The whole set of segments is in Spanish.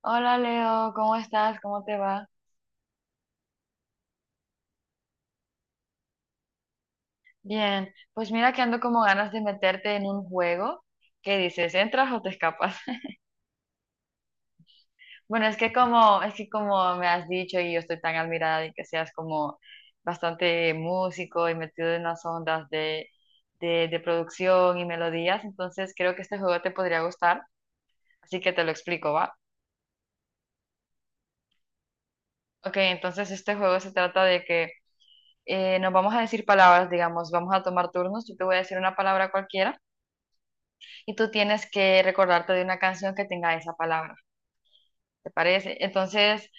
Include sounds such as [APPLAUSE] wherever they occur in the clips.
Hola Leo, ¿cómo estás? ¿Cómo te va? Bien, pues mira que ando como ganas de meterte en un juego que dices, ¿entras o te escapas? [LAUGHS] Bueno, es que como me has dicho y yo estoy tan admirada de que seas como bastante músico y metido en las ondas de producción y melodías, entonces creo que este juego te podría gustar, así que te lo explico, ¿va? Ok, entonces este juego se trata de que nos vamos a decir palabras, digamos, vamos a tomar turnos, yo te voy a decir una palabra cualquiera y tú tienes que recordarte de una canción que tenga esa palabra, ¿te parece? Entonces,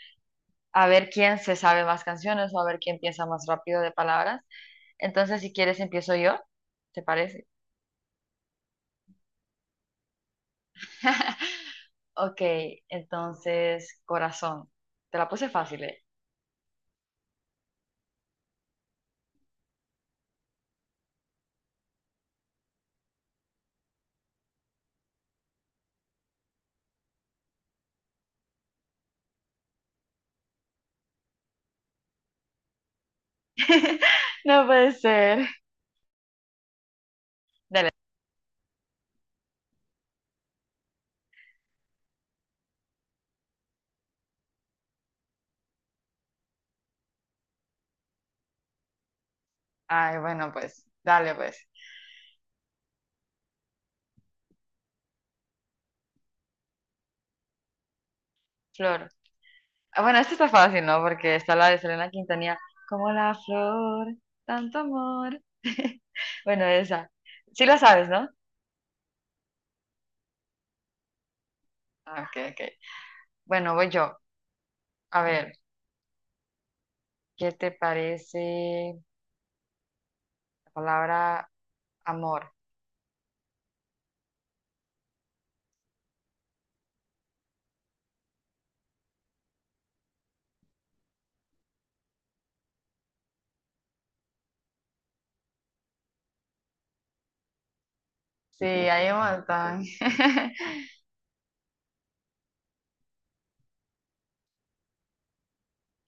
a ver quién se sabe más canciones o a ver quién piensa más rápido de palabras. Entonces, si quieres, empiezo yo, ¿te parece? [LAUGHS] Ok, entonces, corazón. Te la puse fácil, ¿eh? [LAUGHS] No puede ser. Dale. Ay, bueno, pues, dale, pues. Flor. Ah, bueno, esto está fácil, ¿no? Porque está la de Selena Quintanilla. Como la flor, tanto amor. [LAUGHS] Bueno, esa. Sí la sabes, ¿no? Ah, ok, ok. Bueno, voy yo. A ver, ¿qué te parece la palabra amor? Sí, hay un montón. [LAUGHS]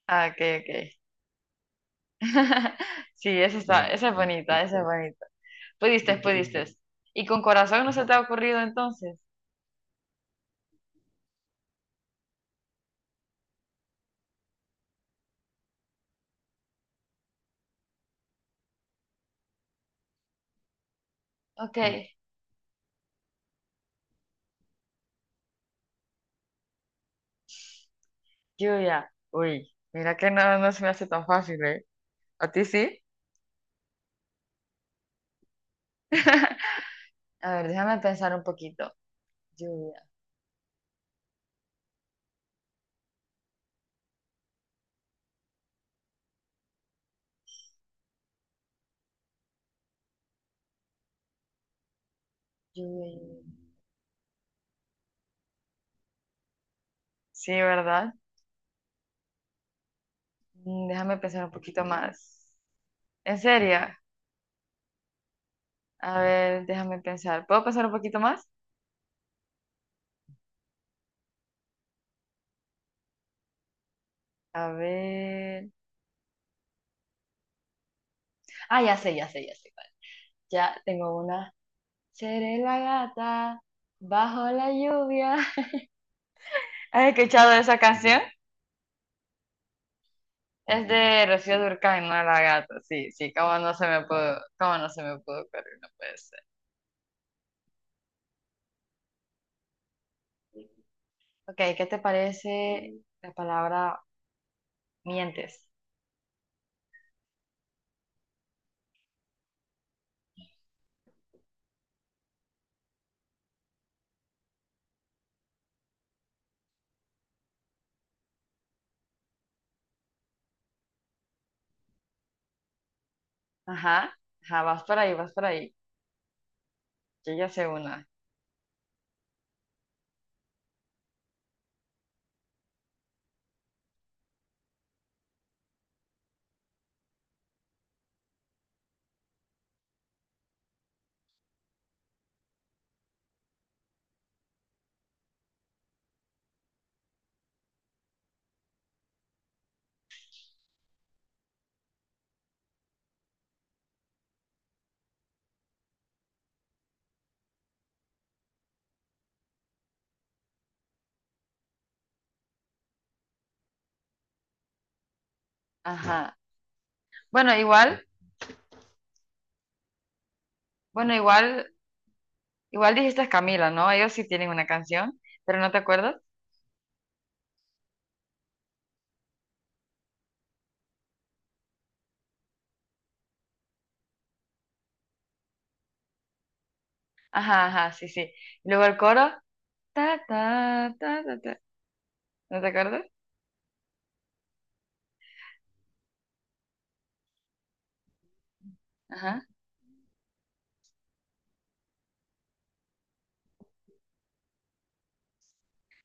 Ah, ok, ok. [LAUGHS] Sí, esa está, esa es bonita, esa es bonita. Pudiste, pudiste. ¿Y con corazón no se te ha ocurrido entonces? Ok, lluvia. Uy, mira que no, no se me hace tan fácil, ¿eh? ¿A ti sí? [LAUGHS] A ver, déjame pensar un poquito. Lluvia, lluvia, lluvia. Sí, ¿verdad? Déjame pensar un poquito más. ¿En serio? A ver, déjame pensar. ¿Puedo pensar un poquito más? A ver. Ah, ya sé, ya sé, ya sé cuál. Ya tengo una. Seré la gata bajo la lluvia. [LAUGHS] ¿Has escuchado esa canción? Es de Rocío Durcal, no la gata. Sí, sí, cómo no se me pudo ocurrir, no puede ser. Ok, ¿qué te parece la palabra mientes? Ajá, ajá, vas por ahí, vas por ahí. Yo ya sé una. Ajá. Bueno, igual, bueno, igual, igual dijiste Camila, ¿no? Ellos sí tienen una canción, pero ¿no te acuerdas? Ajá, ajá, sí, sí. Y luego el coro, ta, ta, ta, ta, ta. ¿No te acuerdas? Ajá.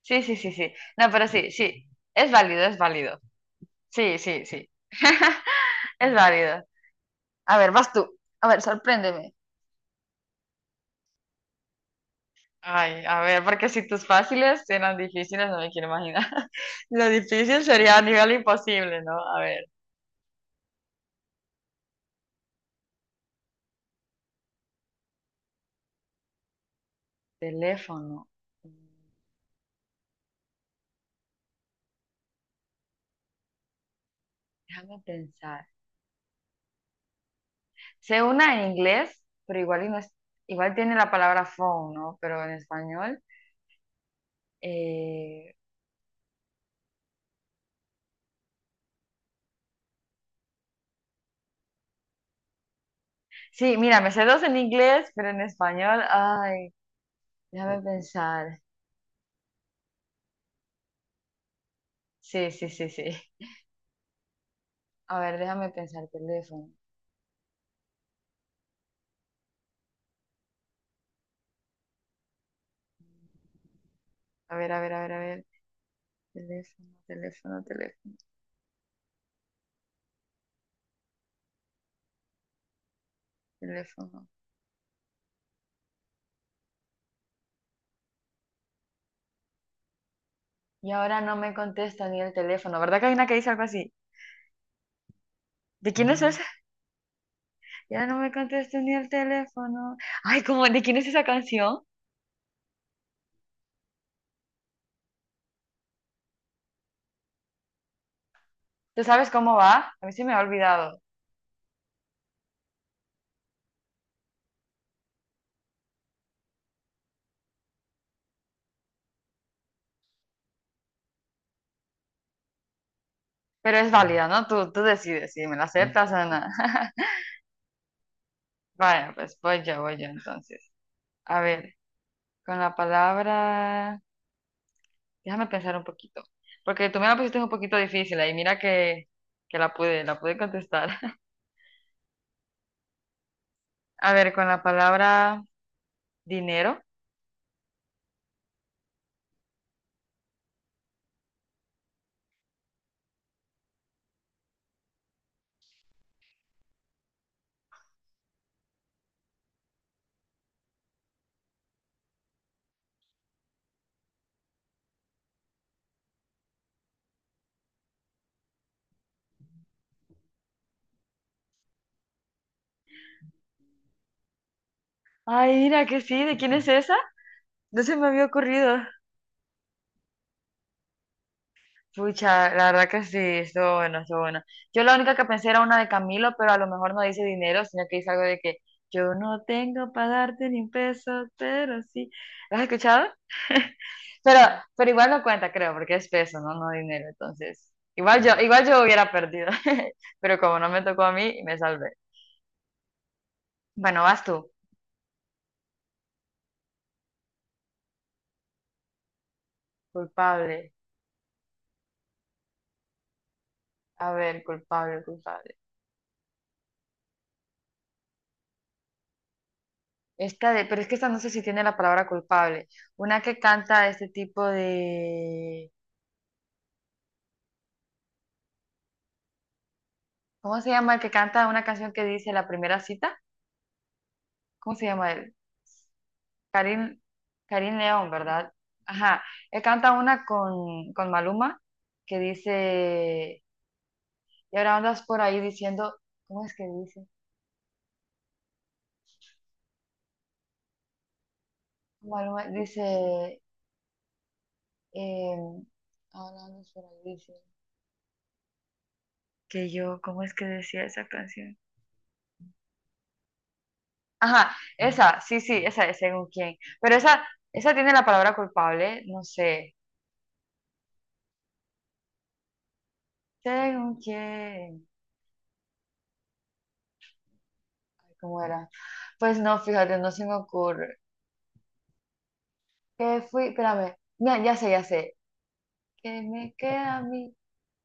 Sí, sí, sí, sí. No, pero sí, sí. Es válido, es válido. Sí, sí, sí. [LAUGHS] Es válido. A ver, vas tú. A ver, sorpréndeme. Ay, a ver, porque si tus fáciles eran difíciles, no me quiero imaginar. [LAUGHS] Lo difícil sería a nivel imposible, ¿no? A ver, teléfono. Mm, Déjame pensar. Sé una en inglés, pero igual, y no es- igual tiene la palabra phone, ¿no? Pero en español. eh, Sí, mira, me sé dos en inglés, pero en español, ay, déjame pensar. Sí, sí, sí, sí. A ver, déjame pensar, teléfono. A ver, a ver, a ver, a ver. Teléfono, teléfono, teléfono, teléfono. Y ahora no me contesta ni el teléfono. ¿Verdad que hay una que dice algo así? ¿De quién es esa? Ya no me contesta ni el teléfono. Ay, ¿cómo? ¿De quién es esa canción? ¿Tú sabes cómo va? A mí se me ha olvidado. Pero es válida, ¿no? Tú decides si me la, ujú, aceptas o no. [LAUGHS] Bueno, pues voy yo entonces. A ver, con la palabra... Déjame pensar un poquito. Porque tú me la pusiste un poquito difícil ahí. Mira que la pude contestar. [LAUGHS] A ver, con la palabra dinero. Ay, mira que sí. ¿De quién es esa? No se me había ocurrido. Pucha, la verdad que sí, estuvo bueno, estuvo bueno. Yo la única que pensé era una de Camilo, pero a lo mejor no dice dinero, sino que dice algo de que yo no tengo para darte ni un peso, pero sí. ¿Lo has escuchado? [LAUGHS] Pero, pero igual no cuenta, creo, porque es peso, ¿no? No dinero, entonces. Igual yo hubiera perdido, [LAUGHS] pero como no me tocó a mí, me salvé. Bueno, vas tú. Culpable. A ver, culpable, culpable. Pero es que esta no sé si tiene la palabra culpable. Una que canta este tipo de... ¿Cómo se llama el que canta una canción que dice la primera cita? ¿Cómo se llama él? Karim, Karim León, ¿verdad? Ajá, él canta una con Maluma que dice, y ahora andas por ahí diciendo, ¿cómo es que dice? Maluma dice, eh, ahora andas por ahí dice, que yo, ¿cómo es que decía esa canción? Ajá, esa, sí, sí, esa es según quién, pero esa tiene la palabra culpable, no sé, según quién. ¿Cómo era? Pues no, fíjate, no se me ocurre. ¿Qué fui? Espérame. Mira, ya sé, ya sé. ¿Qué me queda a mí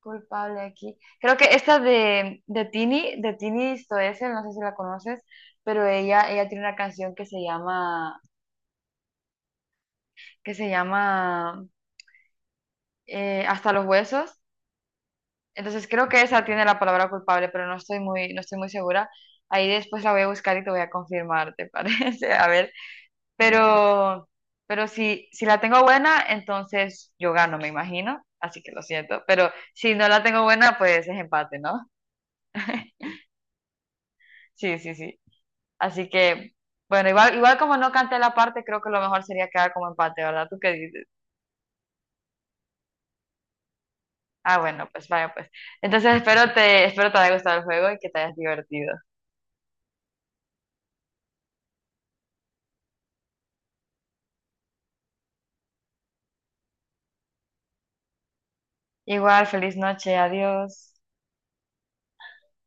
culpable aquí? Creo que esta de Tini Stoessel, no sé si la conoces, pero ella tiene una canción que se llama Hasta los huesos. Entonces creo que esa tiene la palabra culpable, pero no estoy muy segura. Ahí después la voy a buscar y te voy a confirmar, ¿te parece? [LAUGHS] A ver. Pero, pero si la tengo buena, entonces yo gano, me imagino. Así que lo siento. Pero si no la tengo buena, pues es empate, ¿no? [LAUGHS] Sí, sí, sí. Así que, bueno, igual como no canté la parte, creo que lo mejor sería quedar como empate, ¿verdad? ¿Tú qué dices? Ah, bueno, pues vaya, pues. Entonces espero te haya gustado el juego y que te hayas divertido. Igual, feliz noche, adiós.